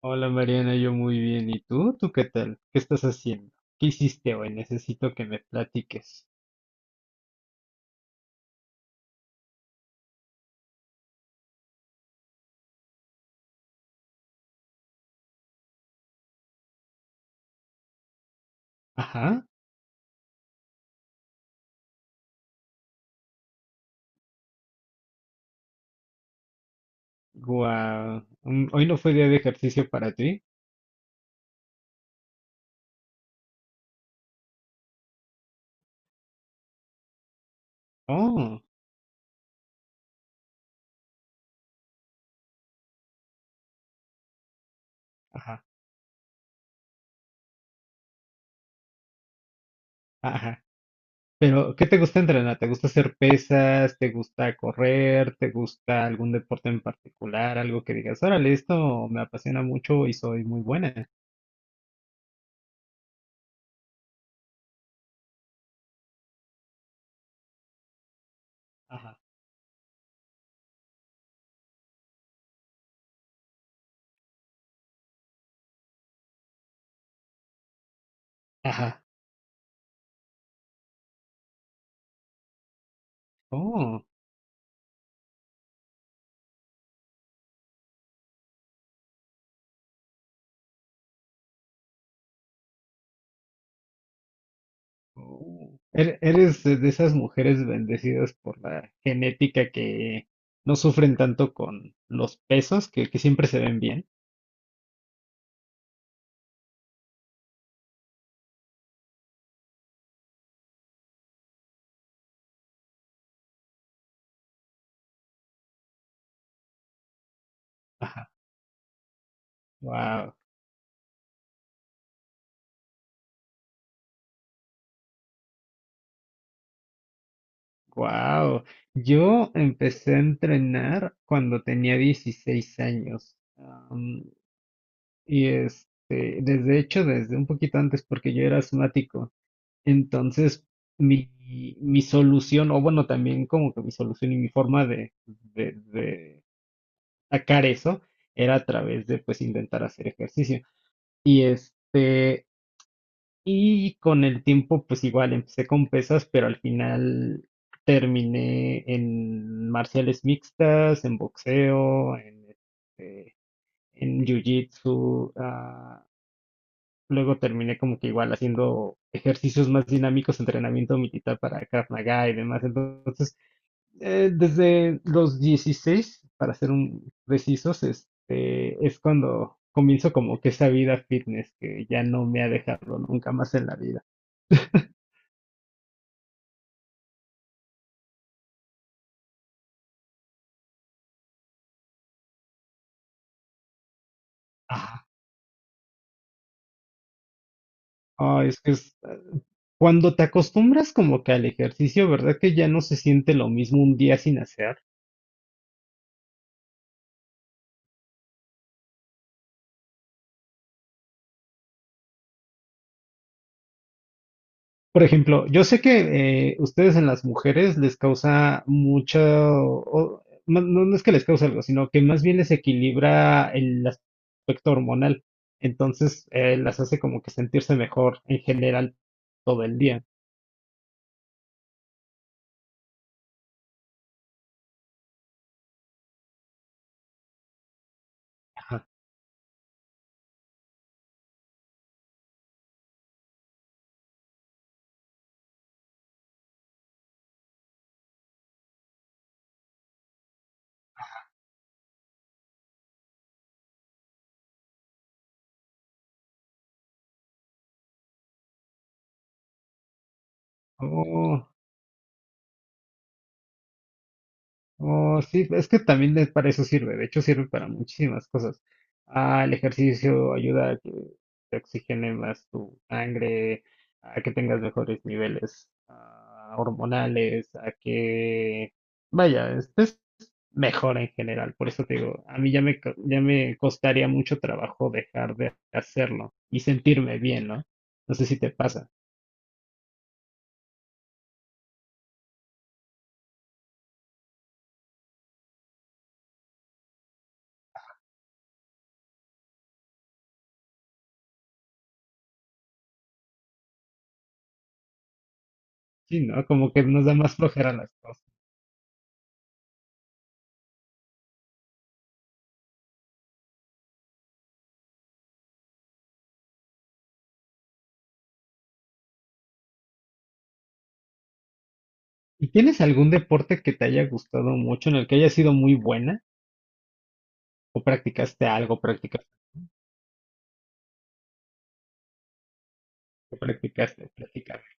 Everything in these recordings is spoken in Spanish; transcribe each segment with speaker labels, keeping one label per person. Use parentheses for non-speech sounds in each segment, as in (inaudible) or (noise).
Speaker 1: Hola Mariana, yo muy bien. ¿Y tú? ¿Tú qué tal? ¿Qué estás haciendo? ¿Qué hiciste hoy? Necesito que me platiques. Ajá. Guau. Hoy no fue día de ejercicio para ti. Oh, ajá, ajá. Pero, ¿qué te gusta entrenar? ¿Te gusta hacer pesas? ¿Te gusta correr? ¿Te gusta algún deporte en particular? Algo que digas, órale, esto me apasiona mucho y soy muy buena. Ajá, ajá. Oh. Oh. Eres de esas mujeres bendecidas por la genética que no sufren tanto con los pesos, que siempre se ven bien. Ajá. Wow, wow. Yo empecé a entrenar cuando tenía 16 años. Desde hecho, desde un poquito antes, porque yo era asmático. Entonces, mi, mi solución, o bueno, también como que mi solución y mi forma de sacar eso era a través de pues intentar hacer ejercicio. Y este, y con el tiempo pues igual empecé con pesas, pero al final terminé en marciales mixtas, en boxeo, en jiu-jitsu. Luego terminé como que igual haciendo ejercicios más dinámicos, entrenamiento militar para Krav Maga y demás. Entonces desde los 16, para ser un precisos, es cuando comienzo como que esa vida fitness que ya no me ha dejado nunca más en la vida. Ah, Ah, es que es, eh, cuando te acostumbras como que al ejercicio, ¿verdad que ya no se siente lo mismo un día sin hacer? Por ejemplo, yo sé que ustedes en las mujeres les causa mucho, no, no es que les cause algo, sino que más bien les equilibra el aspecto hormonal. Entonces, las hace como que sentirse mejor en general todo el día. Ajá. Oh. Oh, sí, es que también para eso sirve, de hecho sirve para muchísimas cosas. Ah, el ejercicio ayuda a que te oxigene más tu sangre, a que tengas mejores niveles hormonales, vaya, estés mejor en general. Por eso te digo, a mí ya me costaría mucho trabajo dejar de hacerlo y sentirme bien, ¿no? No sé si te pasa. Sí, ¿no? Como que nos da más flojera las cosas. ¿Y tienes algún deporte que te haya gustado mucho, en el que hayas sido muy buena? ¿O practicaste algo? ¿Practicaste? ¿Practicaste? ¿Practicaste?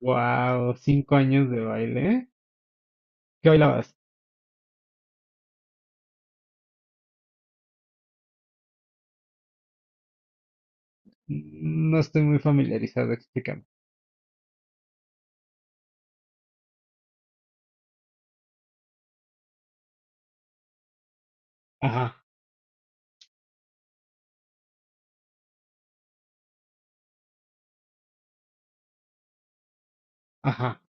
Speaker 1: Wow, 5 años de baile. ¿Eh? ¿Qué bailabas? No estoy muy familiarizado, explícame. Ajá, ajá.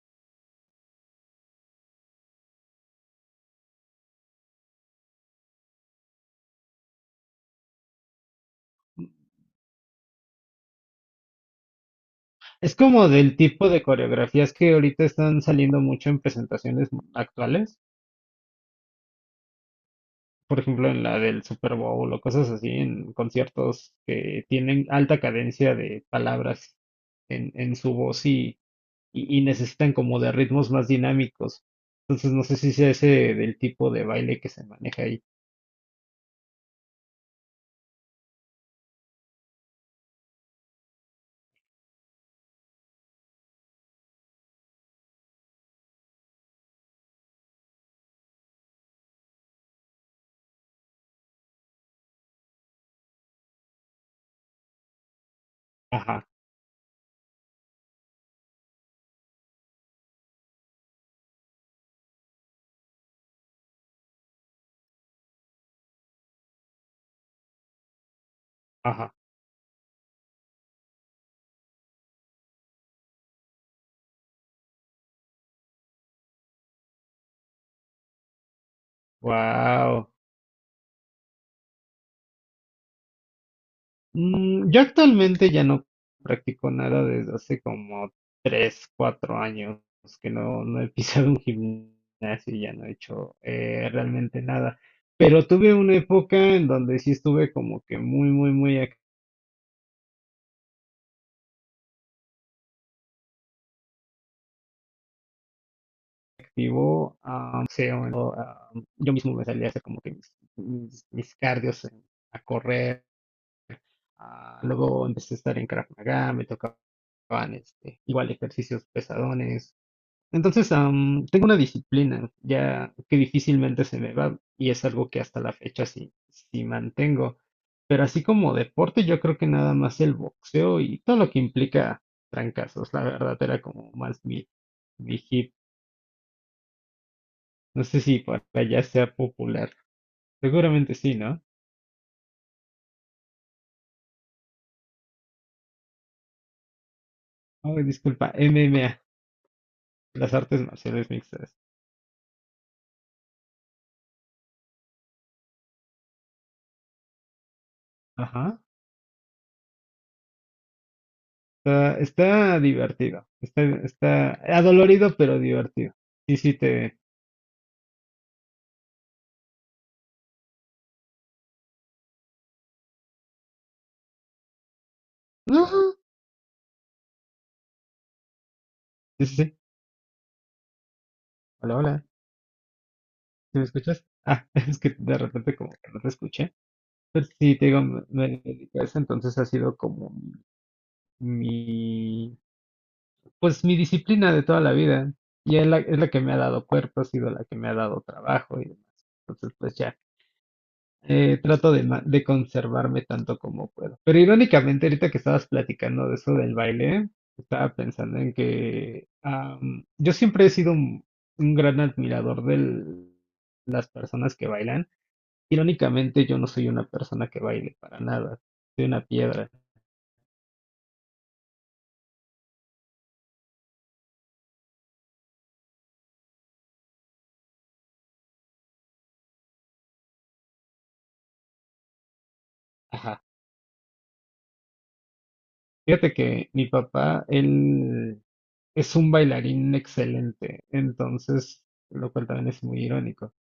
Speaker 1: Es como del tipo de coreografías que ahorita están saliendo mucho en presentaciones actuales. Por ejemplo, en la del Super Bowl o cosas así, en conciertos que tienen alta cadencia de palabras en su voz y necesitan como de ritmos más dinámicos. Entonces no sé si sea ese del tipo de baile que se maneja ahí. Ajá, ajá. Wow. Yo actualmente ya no practico nada desde hace como 3, 4 años que no he (laughs) pisado un gimnasio y ya no he hecho realmente nada. Pero tuve una época en donde sí estuve como que muy vivo, yo mismo me salía a hacer como que mis cardios a correr. Luego empecé a estar en Krav Maga, me tocaban igual ejercicios pesadones. Entonces, tengo una disciplina ya que difícilmente se me va y es algo que hasta la fecha sí mantengo. Pero así como deporte, yo creo que nada más el boxeo y todo lo que implica trancazos, la verdad era como más mi hit. No sé si por allá sea popular. Seguramente sí, ¿no? Oh, disculpa, MMA, las artes marciales mixtas. Ajá. Está divertido. Está adolorido, pero divertido. Sí, sí, te. Ajá. Sí, sí, sí. Hola, hola. ¿Sí me escuchas? Ah, (laughs) es que de repente como que no te escuché. Pero sí, te digo, me dedico a eso, entonces ha sido como mi, pues mi disciplina de toda la vida. Y es es la que me ha dado cuerpo, ha sido la que me ha dado trabajo y demás. Entonces, pues ya. Trato de conservarme tanto como puedo. Pero irónicamente, ahorita que estabas platicando de eso del baile, estaba pensando en que yo siempre he sido un gran admirador de las personas que bailan. Irónicamente, yo no soy una persona que baile para nada. Soy una piedra. Ajá. Fíjate que mi papá, él es un bailarín excelente, entonces, lo cual también es muy irónico.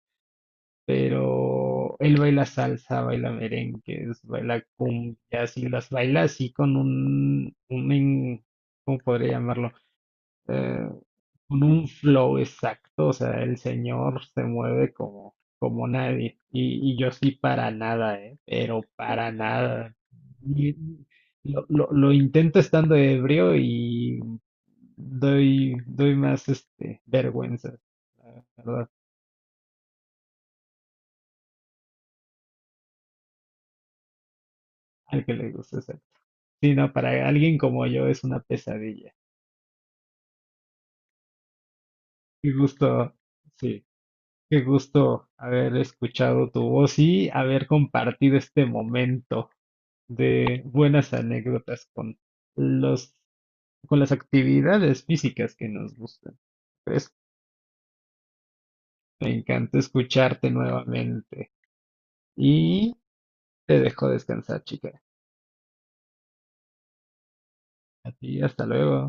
Speaker 1: Pero él baila salsa, baila merengues, baila cumbias y las baila así con un ¿cómo podría llamarlo? Eh, con un flow exacto, o sea, el señor se mueve como nadie y yo sí para nada, ¿eh? Pero para nada. Ni- lo intento estando ebrio y doy más vergüenza, la verdad, al que le guste. Sí, no, para alguien como yo es una pesadilla. Qué gusto, sí, qué gusto haber escuchado tu voz y haber compartido este momento de buenas anécdotas los, con las actividades físicas que nos gustan. Pues me encanta escucharte nuevamente y te dejo descansar, chica. A ti, hasta luego.